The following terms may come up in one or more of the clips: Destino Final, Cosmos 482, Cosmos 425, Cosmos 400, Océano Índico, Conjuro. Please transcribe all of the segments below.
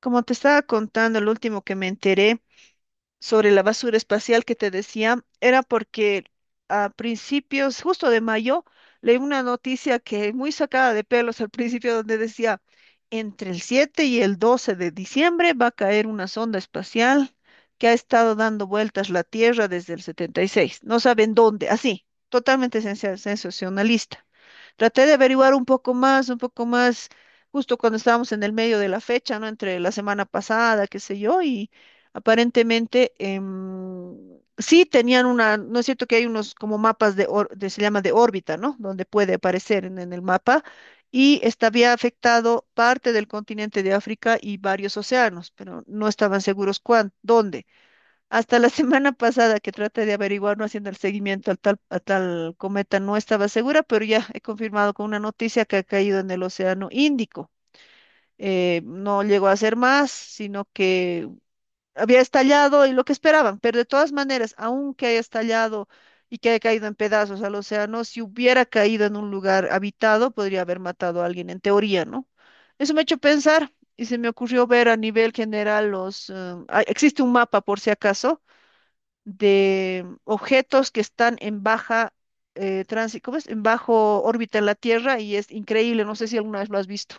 Como te estaba contando, el último que me enteré sobre la basura espacial que te decía era porque a principios, justo de mayo, leí una noticia que muy sacada de pelos al principio donde decía, entre el 7 y el 12 de diciembre va a caer una sonda espacial que ha estado dando vueltas la Tierra desde el 76. No saben dónde, así, totalmente sensacionalista. Traté de averiguar un poco más, justo cuando estábamos en el medio de la fecha, ¿no? Entre la semana pasada, qué sé yo, y aparentemente sí tenían una. ¿No es cierto que hay unos como mapas de, se llama, de órbita, ¿no? Donde puede aparecer en el mapa, y esta había afectado parte del continente de África y varios océanos, pero no estaban seguros cuán, dónde. Hasta la semana pasada que traté de averiguar, no haciendo el seguimiento al tal, a tal cometa, no estaba segura, pero ya he confirmado con una noticia que ha caído en el Océano Índico. No llegó a ser más, sino que había estallado y lo que esperaban, pero de todas maneras, aunque haya estallado y que haya caído en pedazos al océano, si hubiera caído en un lugar habitado, podría haber matado a alguien, en teoría, ¿no? Eso me ha hecho pensar y se me ocurrió ver a nivel general los existe un mapa por si acaso de objetos que están en baja tránsito, ¿cómo es? En bajo órbita en la Tierra, y es increíble, no sé si alguna vez lo has visto.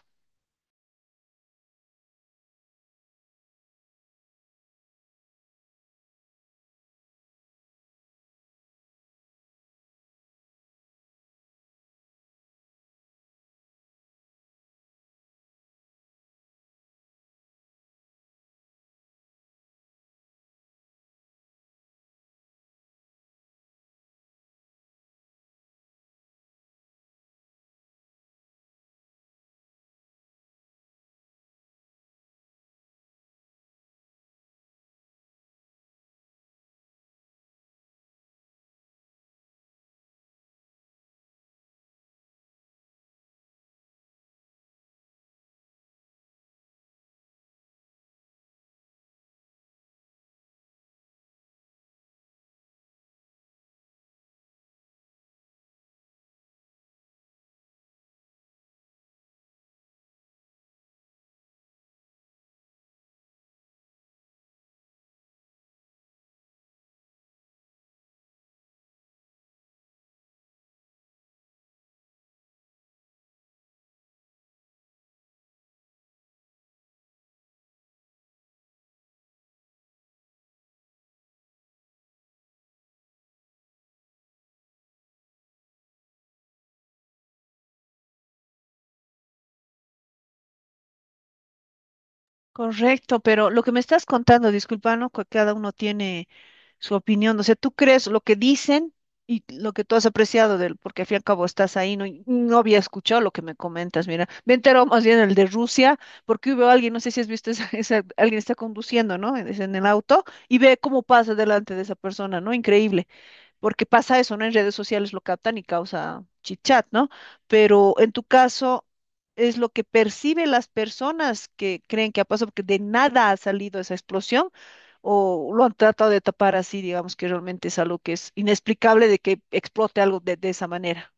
Correcto, pero lo que me estás contando, disculpa, ¿no? Que cada uno tiene su opinión, o sea, tú crees lo que dicen y lo que tú has apreciado del, porque al fin y al cabo estás ahí, no, y no había escuchado lo que me comentas, mira, me enteró más bien el de Rusia, porque hubo alguien, no sé si has visto, esa, alguien está conduciendo, ¿no? Es en el auto y ve cómo pasa delante de esa persona, ¿no? Increíble, porque pasa eso, ¿no? En redes sociales lo captan y causa chitchat, ¿no? Pero en tu caso es lo que perciben las personas que creen que ha pasado, porque de nada ha salido esa explosión, o lo han tratado de tapar así, digamos que realmente es algo que es inexplicable, de que explote algo de esa manera.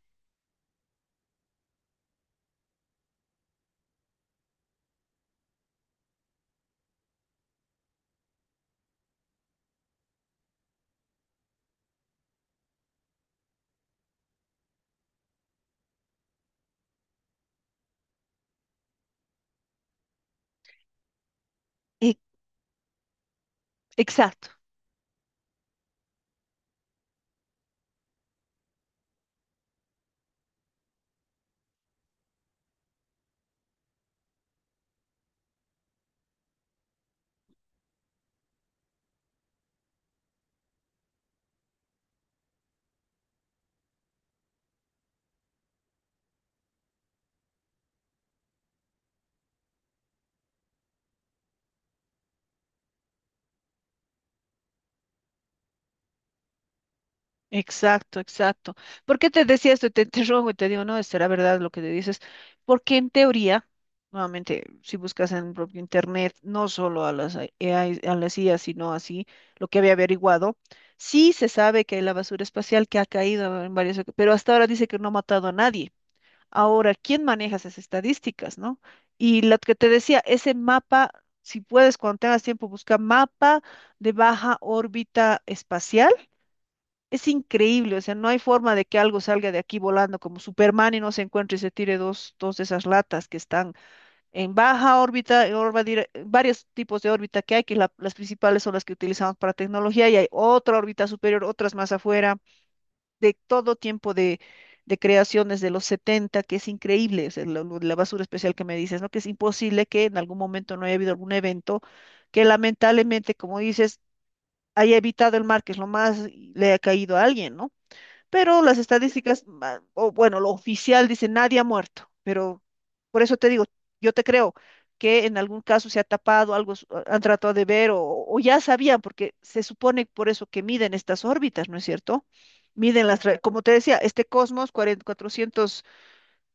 E- exacto. Exacto, exacto. ¿Por qué te decía esto? Y te interrogo y te digo, no, será verdad lo que te dices. Porque en teoría, nuevamente, si buscas en el propio internet, no solo a las AI, a las IA, sino así, lo que había averiguado, sí se sabe que hay la basura espacial que ha caído en varias pero hasta ahora dice que no ha matado a nadie. Ahora, ¿quién maneja esas estadísticas, no? Y lo que te decía, ese mapa, si puedes, cuando tengas tiempo, busca mapa de baja órbita espacial, es increíble, o sea, no hay forma de que algo salga de aquí volando como Superman y no se encuentre y se tire dos de esas latas que están en baja órbita, en varios tipos de órbita que hay, que las principales son las que utilizamos para tecnología, y hay otra órbita superior, otras más afuera, de todo tiempo de creaciones de los setenta, que es increíble. O sea, lo de la basura especial que me dices, ¿no? Que es imposible que en algún momento no haya habido algún evento que lamentablemente, como dices, haya evitado el mar, que es lo más, le ha caído a alguien, ¿no? Pero las estadísticas, ah, o bueno, lo oficial dice nadie ha muerto, pero por eso te digo, yo te creo que en algún caso se ha tapado, han tratado de ver, o ya sabían, porque se supone por eso que miden estas órbitas, ¿no es cierto? Miden las, como te decía, este Cosmos 40 400,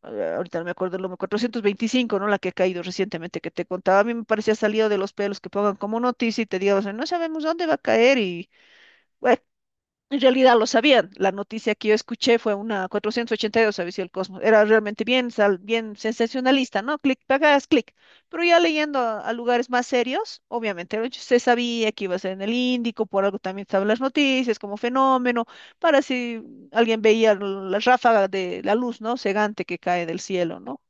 ahorita no me acuerdo el número, 425, ¿no? La que ha caído recientemente que te contaba, a mí me parecía salido de los pelos que pongan como noticia y te digan, no sabemos dónde va a caer, y en realidad lo sabían. La noticia que yo escuché fue una 482, aviso del Cosmos. Era realmente bien, bien sensacionalista, ¿no? Clic, pagas, clic. Pero ya leyendo a lugares más serios, obviamente, ¿no? Se sabía que iba a ser en el Índico, por algo también estaban las noticias como fenómeno, para si alguien veía la ráfaga de la luz, ¿no? Cegante, que cae del cielo, ¿no?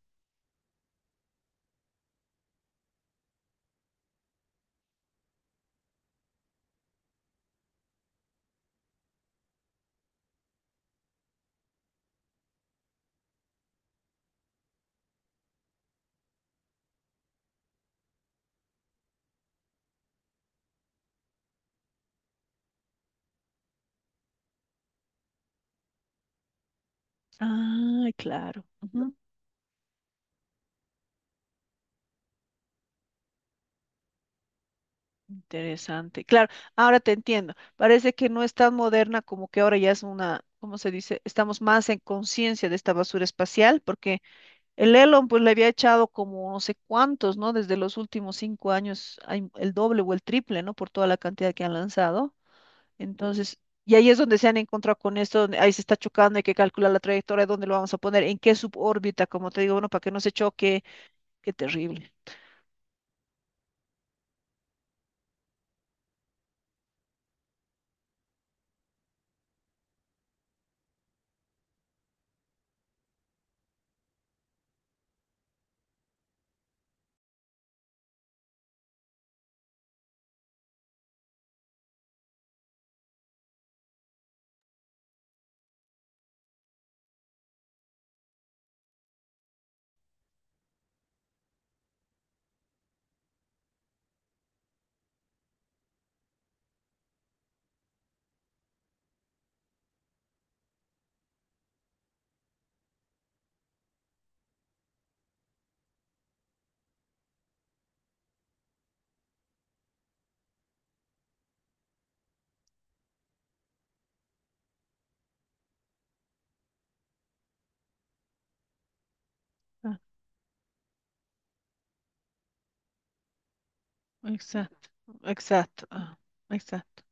Ay, claro. Interesante. Claro, ahora te entiendo. Parece que no es tan moderna, como que ahora ya es una, ¿cómo se dice? Estamos más en conciencia de esta basura espacial, porque el Elon pues le había echado como no sé cuántos, ¿no? Desde los últimos 5 años hay el doble o el triple, ¿no? Por toda la cantidad que han lanzado. Entonces, y ahí es donde se han encontrado con esto, donde ahí se está chocando, hay que calcular la trayectoria, dónde lo vamos a poner, en qué subórbita, como te digo, bueno, para que no se choque. Qué terrible. Ah, exacto, exacto, ah, exacto.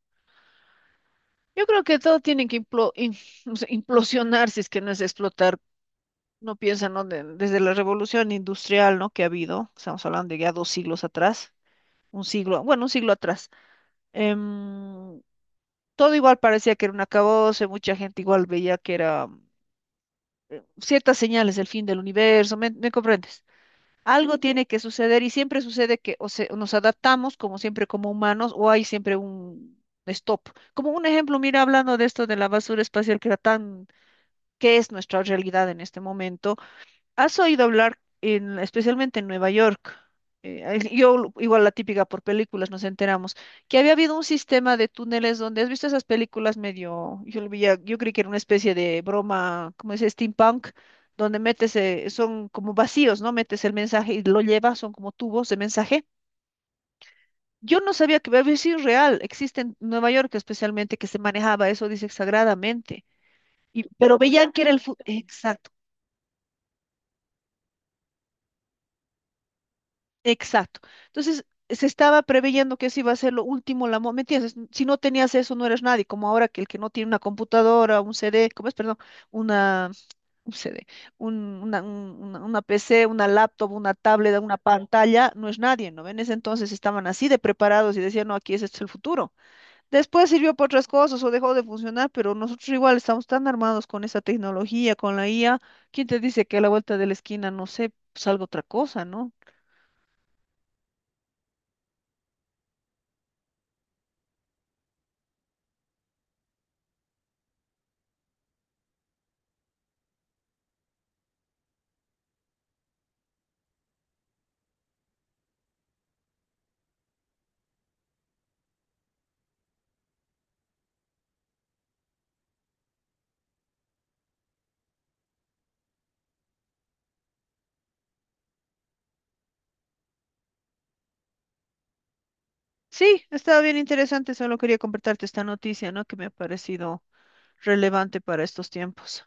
Yo creo que todo tiene que no sé, implosionar, si es que no es explotar. No piensa, ¿no? Desde la revolución industrial, ¿no? Que ha habido, estamos hablando de ya 2 siglos atrás, un siglo, bueno, un siglo atrás. em, Todo igual parecía que era un acabose, mucha gente igual veía que era ciertas señales del fin del universo. ¿Me comprendes? Algo tiene que suceder, y siempre sucede que o nos adaptamos, como siempre, como humanos, o hay siempre un stop. Como un ejemplo, mira, hablando de esto de la basura espacial que era tan, qué es nuestra realidad en este momento. ¿Has oído hablar especialmente en Nueva York? Yo, igual la típica por películas, nos enteramos, que había habido un sistema de túneles, donde has visto esas películas medio, yo, yo creí que era una especie de broma, como dice, steampunk, donde metes, son como vacíos, ¿no? Metes el mensaje y lo llevas, son como tubos de mensaje. Yo no sabía que había sido real, existe en Nueva York, especialmente, que se manejaba eso, dice, sagradamente. Y, pero veían que era el futuro. Exacto. Entonces, se estaba preveyendo que eso iba a ser lo último, ¿me entiendes? Si no tenías eso, no eres nadie, como ahora, que el que no tiene una computadora, un CD, ¿cómo es? Perdón, una, un CD, una PC, una laptop, una tablet, una pantalla, no es nadie, ¿no? En ese entonces estaban así de preparados y decían, no, aquí es, este es el futuro. Después sirvió para otras cosas o dejó de funcionar, pero nosotros igual estamos tan armados con esa tecnología, con la IA. ¿Quién te dice que a la vuelta de la esquina, no sé, salga otra cosa, ¿no? Sí, ha estado bien interesante, solo quería compartirte esta noticia, ¿no? Que me ha parecido relevante para estos tiempos.